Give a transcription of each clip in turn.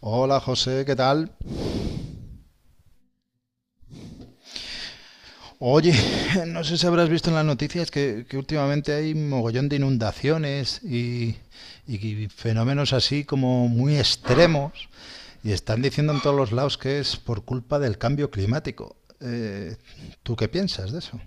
Hola José, ¿qué tal? Oye, no sé si habrás visto en las noticias que últimamente hay mogollón de inundaciones y fenómenos así como muy extremos y están diciendo en todos los lados que es por culpa del cambio climático. ¿Tú qué piensas de eso?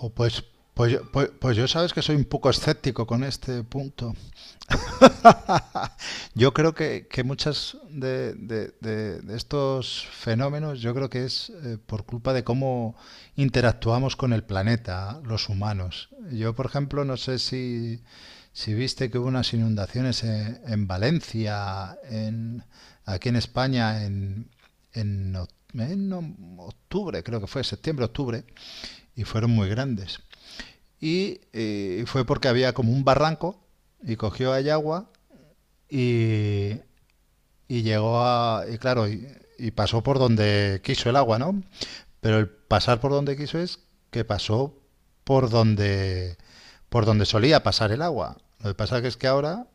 Jo, pues, pues yo sabes que soy un poco escéptico con este punto. Yo creo que muchas de estos fenómenos, yo creo que es por culpa de cómo interactuamos con el planeta, los humanos. Yo, por ejemplo, no sé si viste que hubo unas inundaciones en Valencia, en, aquí en España, en octubre, creo que fue, septiembre, octubre, y fueron muy grandes. Fue porque había como un barranco y cogió ahí agua y, y llegó a... Y claro, y pasó por donde quiso el agua, ¿no? Pero el pasar por donde quiso es que pasó por donde, por donde solía pasar el agua. Lo que pasa que es que ahora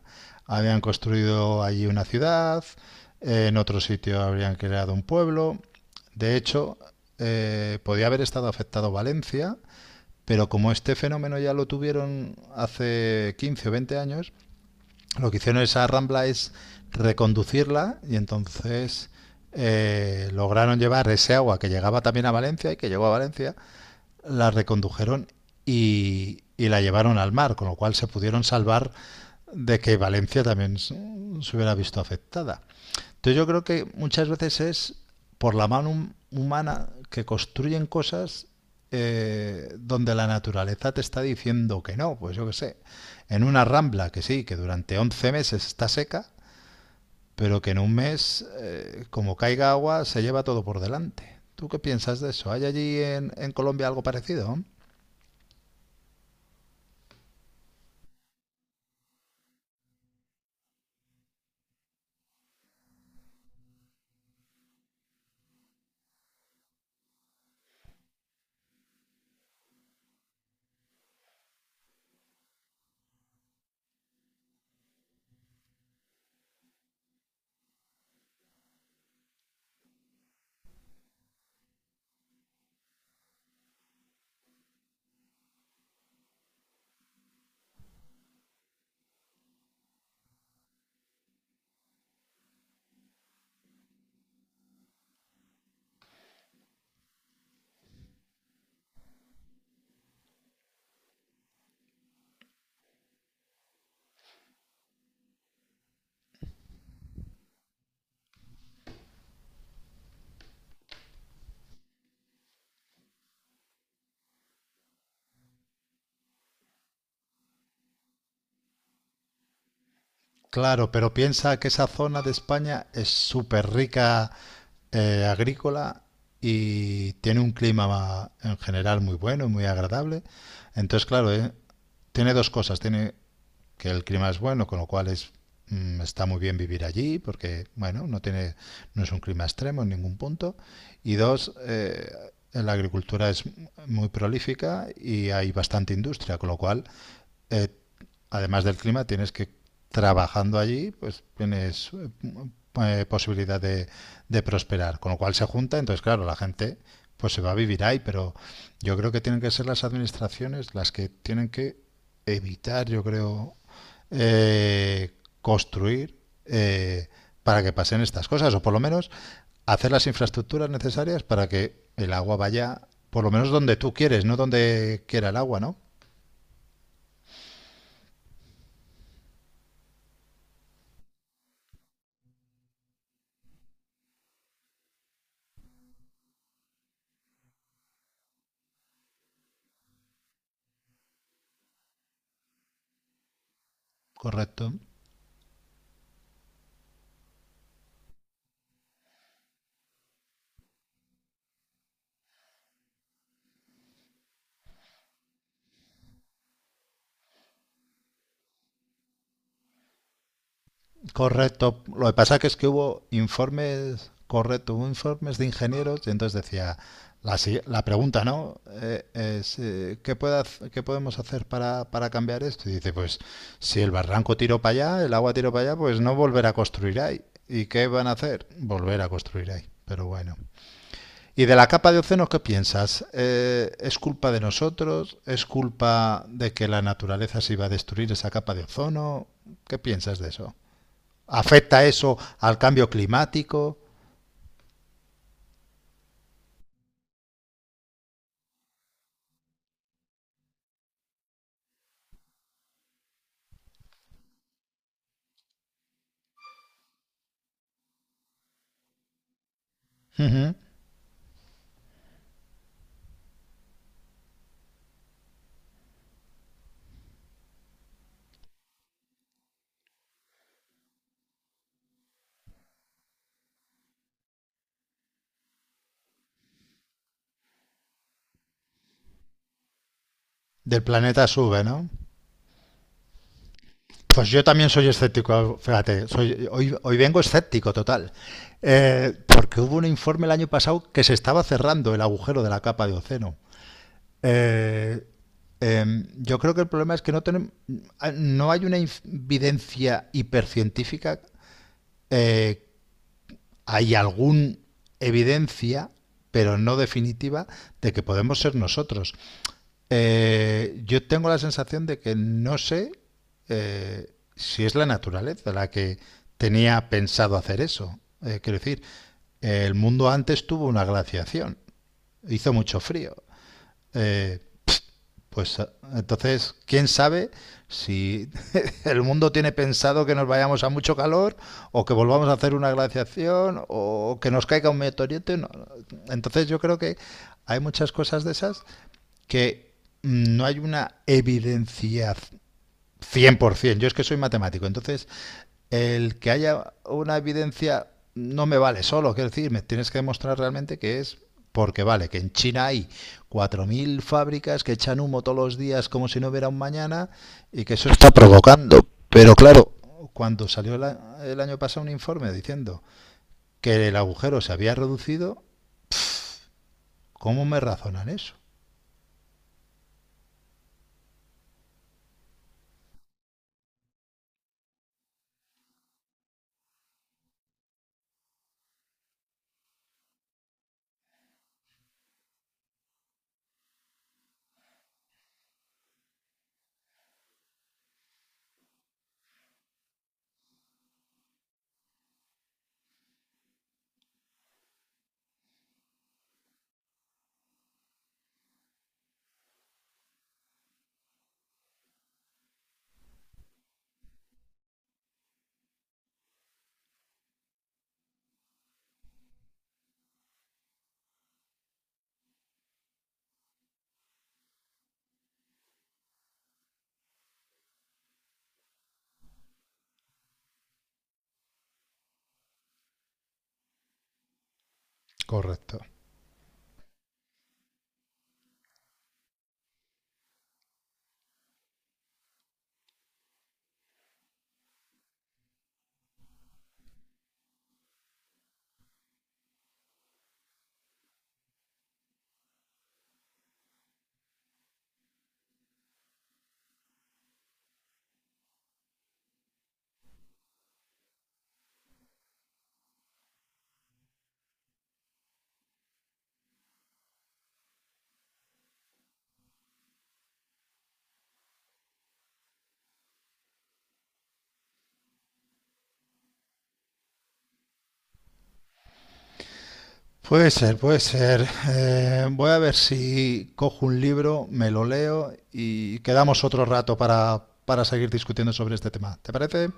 habían construido allí una ciudad, en otro sitio habrían creado un pueblo. De hecho, podía haber estado afectado Valencia, pero como este fenómeno ya lo tuvieron hace 15 o 20 años, lo que hicieron esa rambla es reconducirla y entonces lograron llevar ese agua que llegaba también a Valencia y que llegó a Valencia, la recondujeron y la llevaron al mar, con lo cual se pudieron salvar de que Valencia también se hubiera visto afectada. Entonces yo creo que muchas veces es por la mano humana que construyen cosas donde la naturaleza te está diciendo que no, pues yo qué sé, en una rambla que sí, que durante 11 meses está seca, pero que en un mes, como caiga agua, se lleva todo por delante. ¿Tú qué piensas de eso? ¿Hay allí en Colombia algo parecido? Claro, pero piensa que esa zona de España es súper rica agrícola y tiene un clima en general muy bueno y muy agradable. Entonces, claro, tiene dos cosas. Tiene que el clima es bueno, con lo cual es, está muy bien vivir allí porque, bueno, no, tiene, no es un clima extremo en ningún punto. Y dos, la agricultura es muy prolífica y hay bastante industria, con lo cual eh, además del clima, tienes que, trabajando allí, pues tienes posibilidad de prosperar. Con lo cual se junta, entonces claro, la gente pues se va a vivir ahí, pero yo creo que tienen que ser las administraciones las que tienen que evitar, yo creo, eh, construir eh, para que pasen estas cosas, o por lo menos hacer las infraestructuras necesarias para que el agua vaya, por lo menos donde tú quieres, no donde quiera el agua, ¿no? Correcto. Correcto. Lo que pasa que es que hubo informes, correcto, hubo informes de ingenieros y entonces decía, la, la pregunta, ¿no? ¿Qué puede qué podemos hacer para cambiar esto? Y dice, pues si el barranco tiró para allá, el agua tiró para allá, pues no volver a construir ahí. ¿Y qué van a hacer? Volver a construir ahí. Pero bueno. ¿Y de la capa de ozono qué piensas? ¿Es culpa de nosotros? ¿Es culpa de que la naturaleza se iba a destruir esa capa de ozono? ¿Qué piensas de eso? ¿Afecta eso al cambio climático? Uh -huh. Del planeta sube, ¿no? Pues yo también soy escéptico, fíjate, hoy, hoy vengo escéptico total, porque hubo un informe el año pasado que se estaba cerrando el agujero de la capa de océano. Eh, eh, yo creo que el problema es que tenemos, no hay una evidencia hipercientífica, eh, hay alguna evidencia, pero no definitiva, de que podemos ser nosotros. Yo tengo la sensación de que no sé si es la naturaleza la que tenía pensado hacer eso. Quiero decir, el mundo antes tuvo una glaciación, hizo mucho frío. Eh, pues eh, entonces, ¿quién sabe si el mundo tiene pensado que nos vayamos a mucho calor o que volvamos a hacer una glaciación o que nos caiga un meteorito? No. No. Entonces yo creo que hay muchas cosas de esas que no hay una evidencia 100%. Yo es que soy matemático. Entonces, el que haya una evidencia no me vale solo. Quiero decir, me tienes que demostrar realmente que es porque vale, que en China hay 4.000 fábricas que echan humo todos los días como si no hubiera un mañana y que eso está provocando. Pero claro, cuando salió el año pasado un informe diciendo que el agujero se había reducido, ¿cómo me razonan eso? Correcto. Puede ser, puede ser. Voy a ver si cojo un libro, me lo leo y quedamos otro rato para seguir discutiendo sobre este tema. ¿Te parece?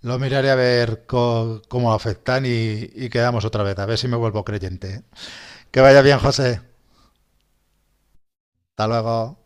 Lo miraré a ver cómo afectan y quedamos otra vez, a ver si me vuelvo creyente. Que vaya bien, José. Hasta luego.